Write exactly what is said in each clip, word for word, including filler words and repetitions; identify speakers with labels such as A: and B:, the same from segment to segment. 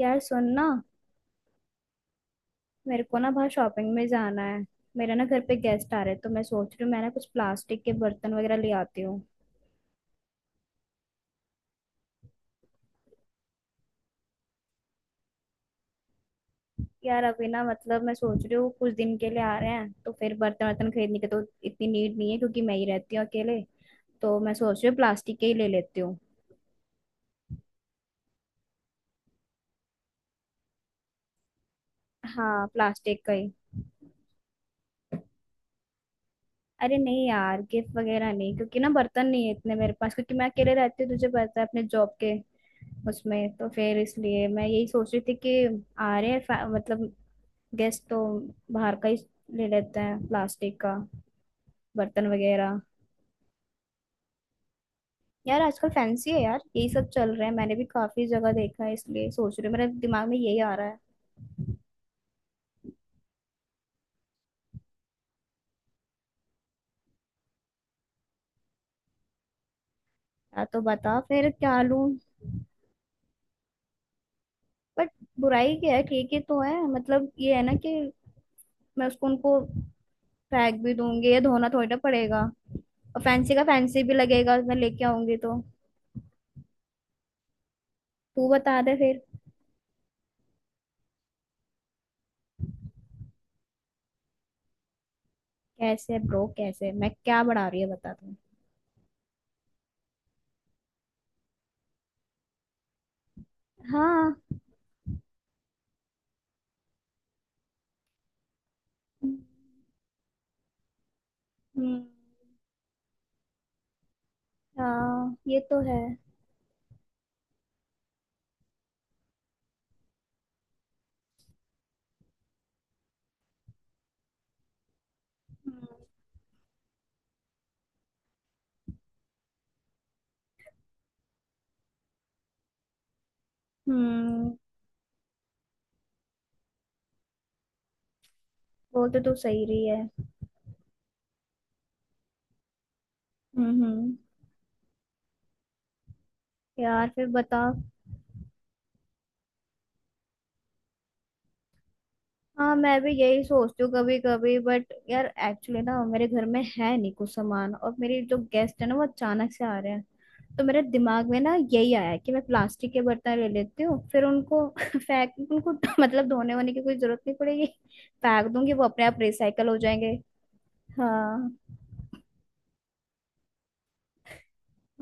A: यार सुन ना। मेरे को ना बाहर शॉपिंग में जाना है। मेरे ना घर पे गेस्ट आ रहे हैं तो मैं सोच रही हूँ मैं ना कुछ प्लास्टिक के बर्तन वगैरह ले आती हूँ। यार अभी ना मतलब मैं सोच रही हूँ कुछ दिन के लिए आ रहे हैं तो फिर बर्तन वर्तन खरीदने की तो इतनी नीड नहीं है क्योंकि मैं ही रहती हूँ अकेले। तो मैं सोच रही हूँ प्लास्टिक के ही ले लेती हूँ। हाँ, प्लास्टिक का ही। अरे नहीं यार गिफ्ट वगैरह नहीं क्योंकि ना बर्तन नहीं है इतने मेरे पास, क्योंकि मैं अकेले रहती हूँ, तुझे पता है अपने जॉब के। उसमें तो फिर इसलिए मैं यही सोच रही थी कि आ रहे हैं फै- मतलब गैस तो बाहर का ही ले लेते हैं प्लास्टिक का बर्तन वगैरह। यार आजकल फैंसी है यार, यही सब चल रहा है, मैंने भी काफी जगह देखा है, इसलिए सोच रही हूँ, मेरे दिमाग में यही आ रहा है। यार तो बता फिर क्या लूं। बट बुराई क्या है, ठीक ही तो है, मतलब ये है ना कि मैं उसको उनको फेंक भी दूंगी या धोना थोड़ी ना पड़ेगा। और फैंसी का फैंसी भी लगेगा मैं लेके आऊंगी तो। तू बता दे फिर। कैसे ब्रो, कैसे मैं क्या बढ़ा रही है बता तू। हाँ। हम्म। हाँ, ये तो है। हम्म हम्म। वो तो तू सही रही है। हम्म हम्म। यार फिर बता। हाँ, मैं भी यही सोचती हूँ कभी कभी बट यार एक्चुअली ना मेरे घर में है नहीं कुछ सामान, और मेरे जो गेस्ट है ना वो अचानक से आ रहे हैं। तो मेरे दिमाग में ना यही आया कि मैं प्लास्टिक के बर्तन ले लेती हूँ, फिर उनको फेंक उनको मतलब धोने होने की कोई जरूरत नहीं पड़ेगी। फेंक दूंगी, वो अपने आप रिसाइकल हो जाएंगे। हाँ।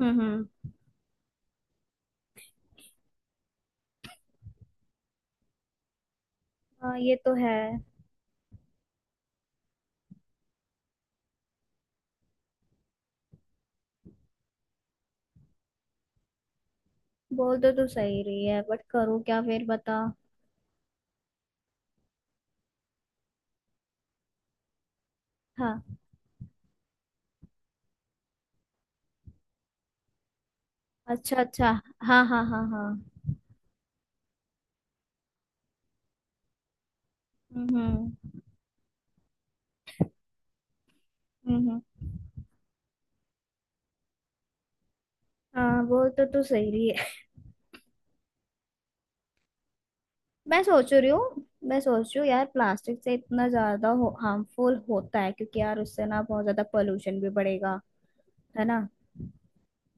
A: हम्म हम्म। हाँ, ये तो है। बोल तो तू सही रही है, बट करूँ क्या फिर बता। हाँ। अच्छा अच्छा। हाँ हाँ हाँ हाँ। हम्म हम्म हम्म। हाँ, वो तो तू सही रही है। मैं सोच रही हूँ, मैं सोच रही हूँ यार, प्लास्टिक से इतना ज्यादा हो, हार्मफुल होता है क्योंकि यार उससे ना बहुत ज्यादा पोल्यूशन भी बढ़ेगा। है ना।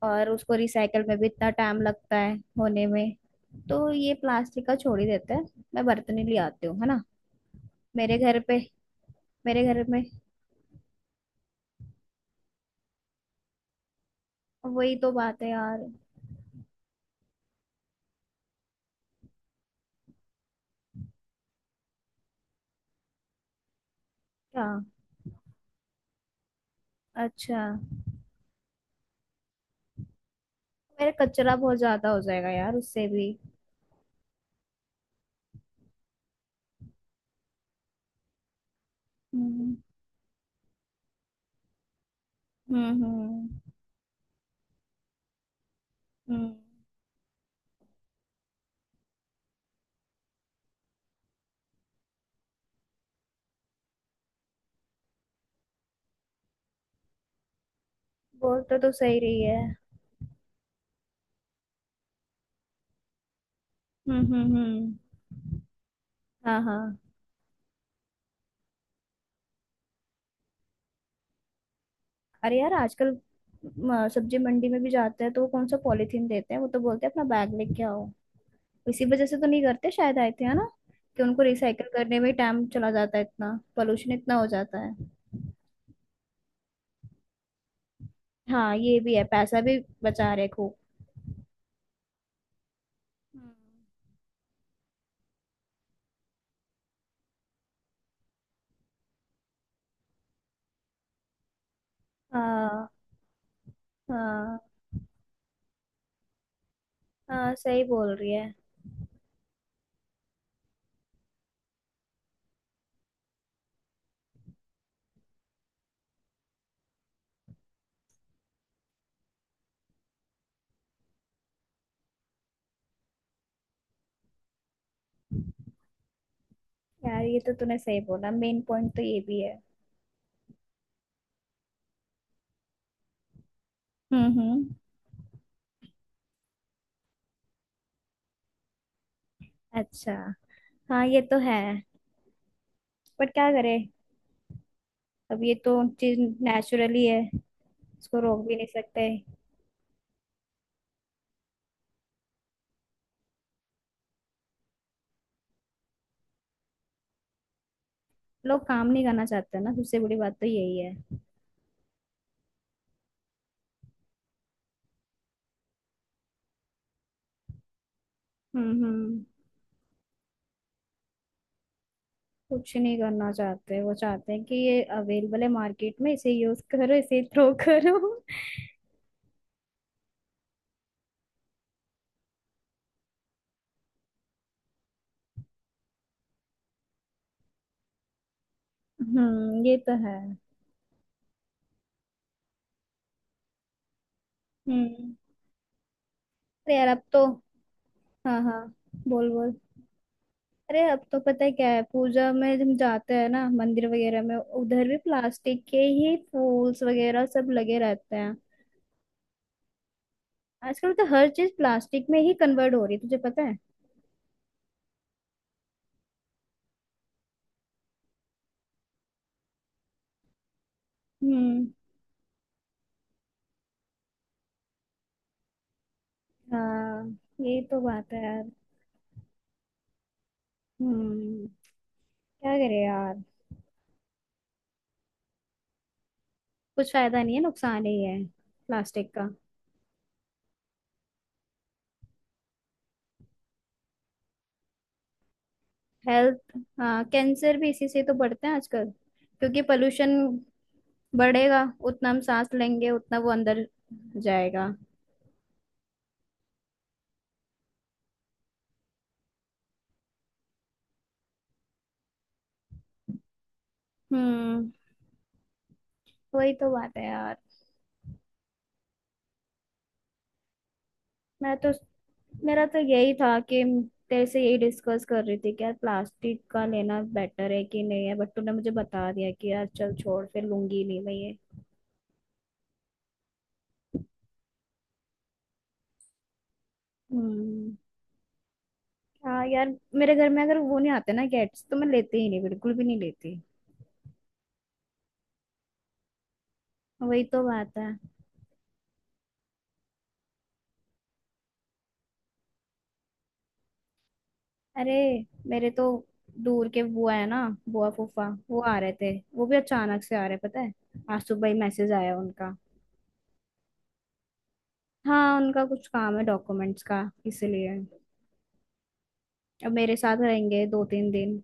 A: और उसको रिसाइकल में भी इतना टाइम लगता है होने में। तो ये प्लास्टिक का छोड़ ही देते हैं। मैं बर्तन ही ले आती हूँ, है ना। मेरे घर पे, मेरे घर में। वही तो बात है यार। क्या। अच्छा। मेरा कचरा बहुत ज्यादा हो जाएगा यार उससे भी। हम्म हम्म। हम्म हम्म। बोल तो तू सही रही है। हम्म हम्म। हम्म। हाँ हाँ। अरे यार आजकल म, सब्जी मंडी में भी जाते हैं तो वो कौन सा पॉलीथीन देते हैं, वो तो बोलते हैं अपना बैग लेके आओ। इसी वजह से तो नहीं करते शायद, आए थे है ना कि उनको रिसाइकल करने में टाइम चला जाता है इतना। पोल्यूशन इतना हो जाता है। हाँ ये भी है, पैसा भी बचा रहे खूब। हम्म। हाँ हाँ, हाँ सही बोल रही है। यार ये तो तूने सही बोला, मेन पॉइंट तो ये भी है। हम्म हम्म। अच्छा। हाँ ये तो है। पर क्या करे। अब ये तो चीज नेचुरली है। इसको रोक भी नहीं सकते। लोग काम नहीं करना चाहते ना, सबसे बड़ी बात तो यही है। हम्म हम्म। कुछ नहीं करना चाहते, वो चाहते हैं कि ये अवेलेबल है मार्केट में, इसे यूज करो, इसे थ्रो करो। हम्म, ये तो है। हम्म। अरे यार अब तो। हाँ हाँ। बोल बोल। अरे अब तो पता है क्या है, पूजा में जब जाते हैं ना मंदिर वगैरह में, उधर भी प्लास्टिक के ही फूल्स वगैरह सब लगे रहते हैं। आजकल तो हर चीज प्लास्टिक में ही कन्वर्ट हो रही है, तुझे पता है। हम्म। हाँ ये तो बात है यार। हम्म। क्या करे यार। कुछ फायदा नहीं है, नुकसान ही है। प्लास्टिक का। हेल्थ। हाँ, कैंसर भी इसी से तो बढ़ते हैं आजकल। क्योंकि पोल्यूशन बढ़ेगा उतना, हम सांस लेंगे उतना वो अंदर जाएगा। हम्म। वही तो बात है यार। मैं तो। मेरा तो यही था कि तेरे से यही डिस्कस कर रही थी कि यार प्लास्टिक का लेना बेटर है कि नहीं है, बट तूने मुझे बता दिया कि यार चल छोड़, फिर लूंगी नहीं मैं ये। हम्म। हाँ यार। मेरे घर में अगर वो नहीं आते ना कैट्स, तो मैं लेती ही नहीं, बिल्कुल भी नहीं लेती। वही तो बात है। अरे मेरे तो दूर के बुआ है ना, बुआ फूफा वो आ रहे थे, वो भी अचानक से आ रहे पता है। आज सुबह ही मैसेज आया उनका। हाँ उनका कुछ काम है डॉक्यूमेंट्स का, इसलिए अब मेरे साथ रहेंगे दो तीन दिन।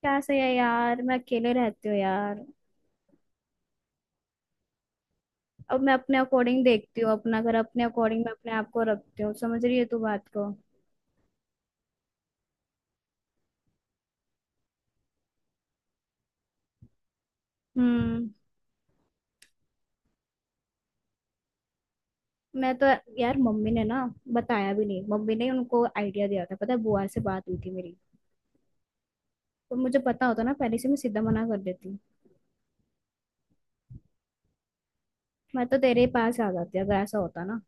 A: क्या सही है यार, मैं अकेले रहती हूँ यार। अब मैं अपने अकॉर्डिंग देखती हूँ अपना घर, अपने अकॉर्डिंग मैं अपने आप को रखती हूँ, समझ रही है तू बात को। हम्म। मैं तो यार, मम्मी ने ना बताया भी नहीं, मम्मी ने उनको आइडिया दिया था पता है, बुआ से बात हुई थी मेरी। तो मुझे पता होता ना पहले से, मैं सीधा मना कर देती। मैं तो तेरे ही पास आ जाती अगर ऐसा होता ना।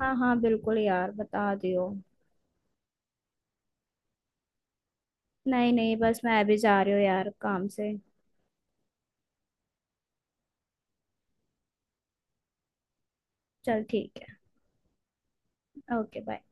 A: हाँ हाँ बिल्कुल यार बता दियो। नहीं नहीं बस मैं अभी जा रही हूँ यार काम से। चल ठीक है, ओके बाय।